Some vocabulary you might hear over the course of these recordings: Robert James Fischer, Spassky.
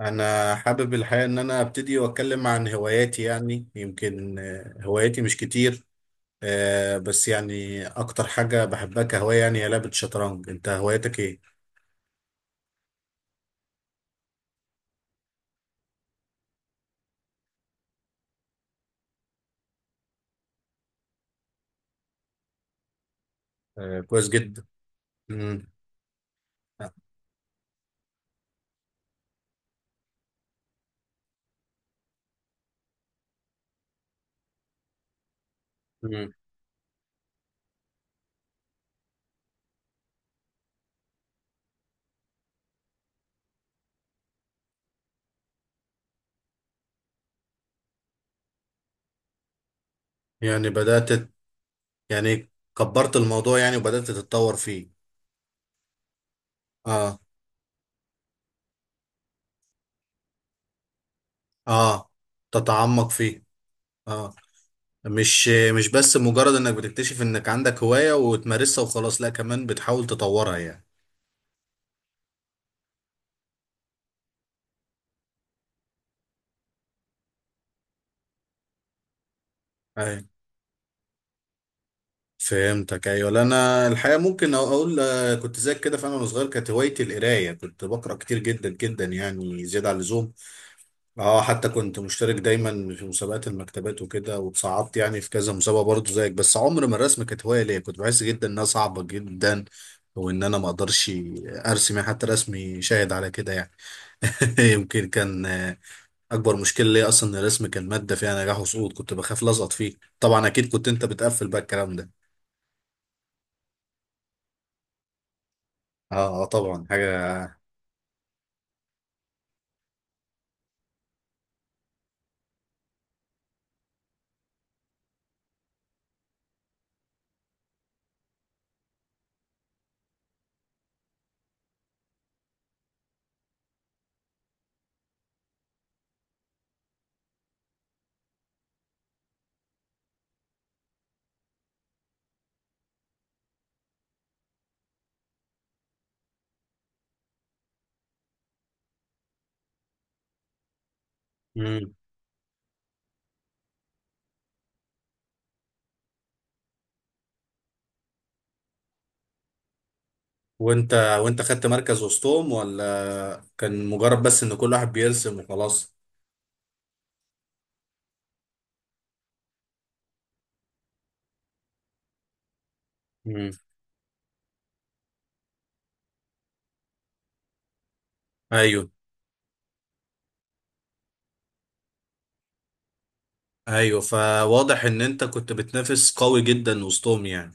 انا حابب الحقيقه ان انا ابتدي واتكلم عن هواياتي يعني يمكن، هواياتي مش كتير. بس يعني اكتر حاجه بحبها كهوايه يعني هي لعبه الشطرنج. انت هوايتك ايه؟ آه، كويس جدا. مم. مم. يعني بدات. يعني كبرت الموضوع يعني وبدات تتطور فيه. اه. اه، تتعمق فيه. اه، مش مش بس مجرد انك بتكتشف انك عندك هوايه وتمارسها وخلاص، لا كمان بتحاول تطورها يعني. فهمتك، ايوه، لا انا الحقيقه ممكن اقول، كنت زيك كده، فانا وانا صغير كانت هوايتي القرايه، كنت بقرا كتير جدا جدا يعني زياده عن اللزوم. اه، حتى كنت مشترك دايما في مسابقات المكتبات وكده وتصعدت يعني في كذا مسابقه برضه زيك، بس عمر ما الرسم كانت هوايه ليا، كنت بحس جدا انها صعبه جدا وان انا ما اقدرش ارسم يعني، حتى رسمي شاهد على كده يعني. يمكن كان اكبر مشكله ليا اصلا ان الرسم كان ماده فيها نجاح وسقوط، كنت بخاف لازقط فيه طبعا. اكيد كنت انت بتقفل بقى الكلام ده. اه. طبعا حاجة. مم. وانت وانت خدت مركز وسطهم، ولا كان مجرد بس ان كل واحد بيرسم وخلاص؟ امم. ايوه. ايوه، فواضح ان انت كنت بتنافس قوي جدا وسطهم يعني.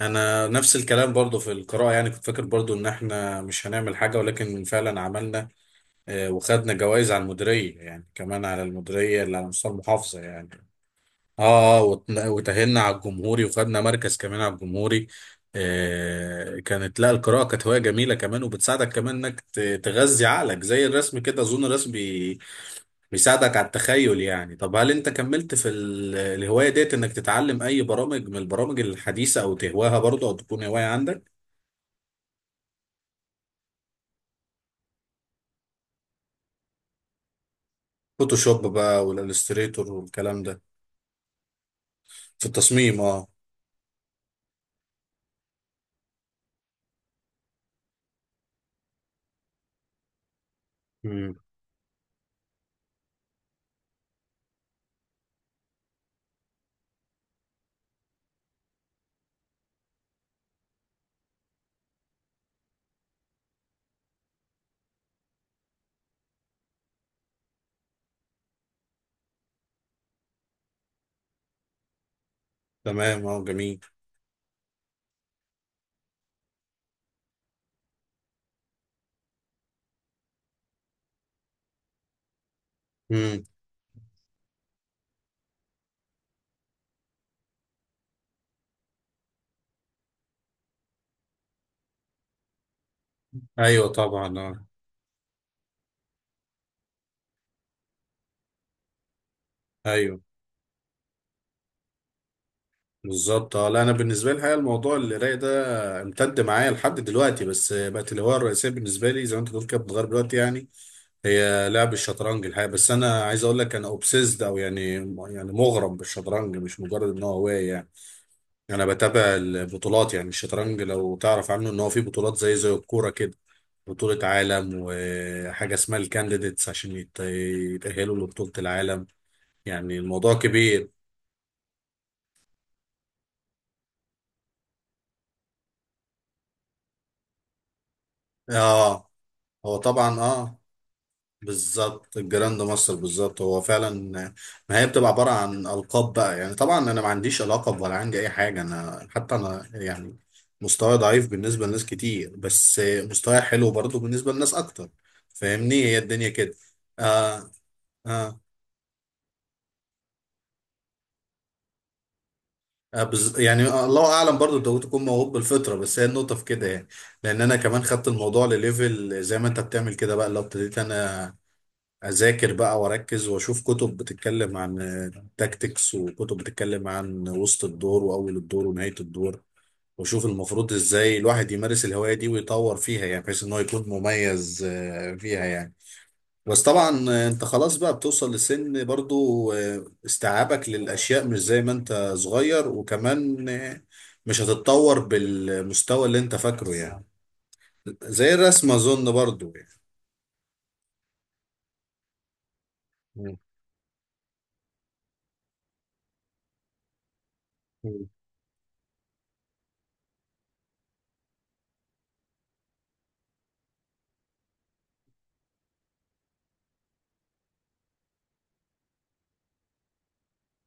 انا نفس الكلام برضو في القراءة يعني، كنت فاكر برضو ان احنا مش هنعمل حاجة ولكن فعلا عملنا. وخدنا جوائز على المديرية يعني، كمان على المديرية اللي على مستوى المحافظة يعني. اه اه وتأهلنا على الجمهوري وخدنا مركز كمان على الجمهوري. كانت، لا، القراءة كانت هواية جميلة كمان وبتساعدك كمان انك تغذي عقلك زي الرسم كده. اظن الرسم بيساعدك على التخيل يعني. طب هل انت كملت في الهواية ديت انك تتعلم اي برامج من البرامج الحديثة او تهواها برضه او تكون هواية عندك؟ فوتوشوب بقى والالستريتور والكلام ده. في التصميم اه. مم. تمام اه، جميل. مم. ايوه طبعا اه. ايوه بالظبط اه، لا انا بالنسبه لي الحقيقه الموضوع القرايه ده امتد معايا لحد دلوقتي، بس بقت الهوايه الرئيسيه بالنسبه لي زي ما انت بتقول كده بتتغير دلوقتي يعني. هي لعب الشطرنج الحقيقه، بس انا عايز اقول لك انا اوبسيسد او يعني، يعني مغرم بالشطرنج مش مجرد ان هو هوايه يعني. انا بتابع البطولات يعني. الشطرنج لو تعرف عنه ان هو في بطولات زي الكوره كده، بطوله عالم وحاجه اسمها الكانديديتس عشان يتاهلوا لبطوله العالم. يعني الموضوع كبير. اه، هو طبعا، اه، بالظبط الجراند ماستر، بالظبط هو فعلا، ما هي بتبقى عباره عن القاب بقى يعني. طبعا انا ما عنديش لقب ولا عندي اي حاجه، انا حتى انا يعني مستواي ضعيف بالنسبه لناس كتير، بس مستواي حلو برضو بالنسبه لناس اكتر، فاهمني، هي الدنيا كده. آه. آه. آه، يعني الله اعلم برضو انت ممكن تكون موهوب بالفطره، بس هي النقطه في كده يعني. لان انا كمان خدت الموضوع لليفل زي ما انت بتعمل كده بقى، لو ابتديت انا اذاكر بقى واركز واشوف كتب بتتكلم عن تاكتكس وكتب بتتكلم عن وسط الدور واول الدور ونهايه الدور، واشوف المفروض ازاي الواحد يمارس الهوايه دي ويطور فيها يعني بحيث ان هو يكون مميز فيها يعني. بس طبعا انت خلاص بقى بتوصل لسن برضو، استيعابك للاشياء مش زي ما انت صغير، وكمان مش هتتطور بالمستوى اللي انت فاكره يعني، زي الرسم اظن برضو يعني. مم.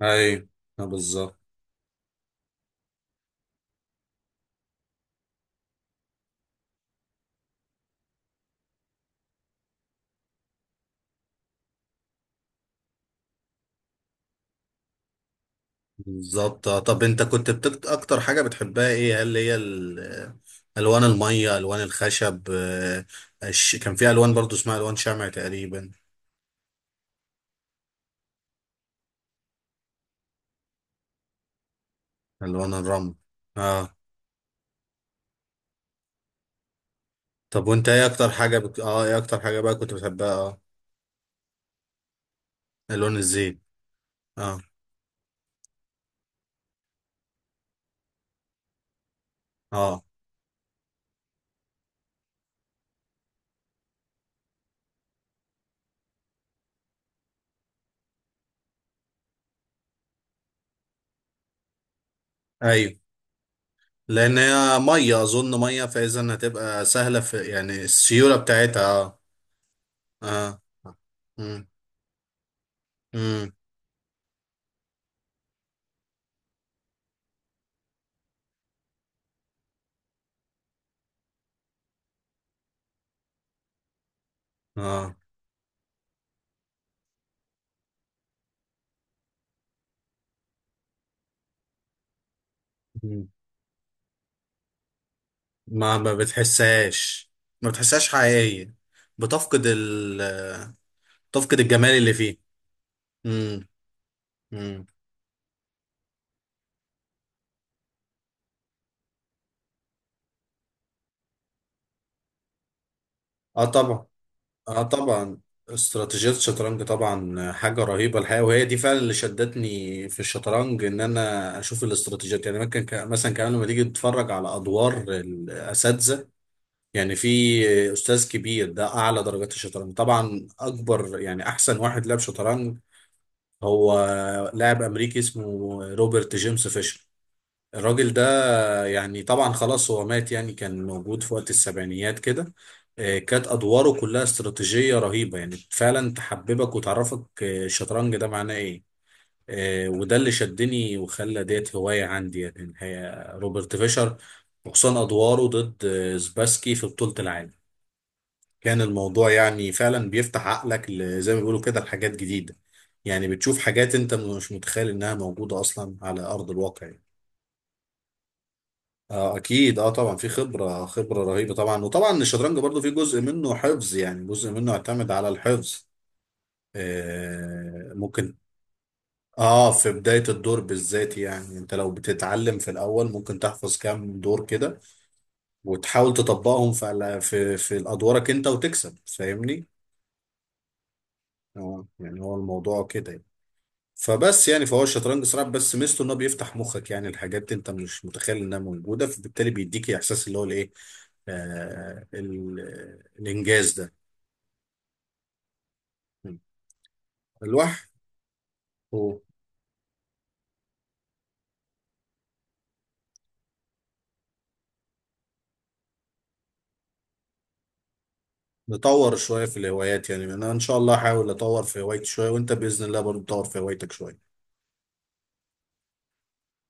ايوه بالظبط بالظبط. طب انت كنت اكتر حاجة بتحبها ايه؟ هل هي الوان المية، الوان الخشب، كان في الوان برضو اسمها الوان شمع تقريبا. الوان الرمل اه. طب وانت ايه اكتر حاجة اه، ايه اكتر حاجة بقى كنت بتحبها؟ اه، الوان الزيت. اه اه ايوه، لان هي مية اظن مية، فاذا هتبقى سهلة في يعني السيولة بتاعتها اه. اه. امم. امم. اه، ما بتحسهاش. ما بتحسهاش حقيقية، بتفقد تفقد الجمال اللي فيه. امم. امم. اه طبعا. اه طبعا، استراتيجية الشطرنج طبعا حاجة رهيبة الحقيقة، وهي دي فعلا اللي شدتني في الشطرنج ان انا اشوف الاستراتيجيات يعني. ممكن مثلا كمان لما تيجي تتفرج على ادوار الاساتذة، يعني في استاذ كبير، ده اعلى درجات الشطرنج طبعا، اكبر يعني احسن واحد لعب شطرنج، هو لاعب امريكي اسمه روبرت جيمس فيشر. الراجل ده يعني طبعا خلاص هو مات يعني، كان موجود في وقت السبعينيات كده. كانت أدواره كلها استراتيجية رهيبة يعني، فعلا تحببك وتعرفك الشطرنج ده معناه إيه. وده اللي شدني وخلى ديت هواية عندي يعني الحقيقة روبرت فيشر، وخصوصا أدواره ضد سباسكي في بطولة العالم. كان الموضوع يعني فعلا بيفتح عقلك زي ما بيقولوا كده لحاجات جديدة، يعني بتشوف حاجات انت مش متخيل انها موجودة اصلا على ارض الواقع يعني. اه اكيد اه طبعا، في خبره خبره رهيبه طبعا. وطبعا الشطرنج برضو في جزء منه حفظ، يعني جزء منه يعتمد على الحفظ. آه ممكن اه، في بدايه الدور بالذات يعني، انت لو بتتعلم في الاول ممكن تحفظ كام دور كده، وتحاول تطبقهم في ادوارك انت وتكسب، فاهمني. اه، يعني هو الموضوع كده. فبس يعني فهو الشطرنج صراحة، بس ميزته ان هو بيفتح مخك يعني الحاجات انت مش متخيل انها موجودة، فبالتالي بيديك احساس اللي هو الايه، الانجاز ده. الواحد، هو، نطور شوية في الهوايات يعني. انا ان شاء الله هحاول اطور في هوايتي شوية، وانت بإذن الله برضه تطور في هوايتك شوية.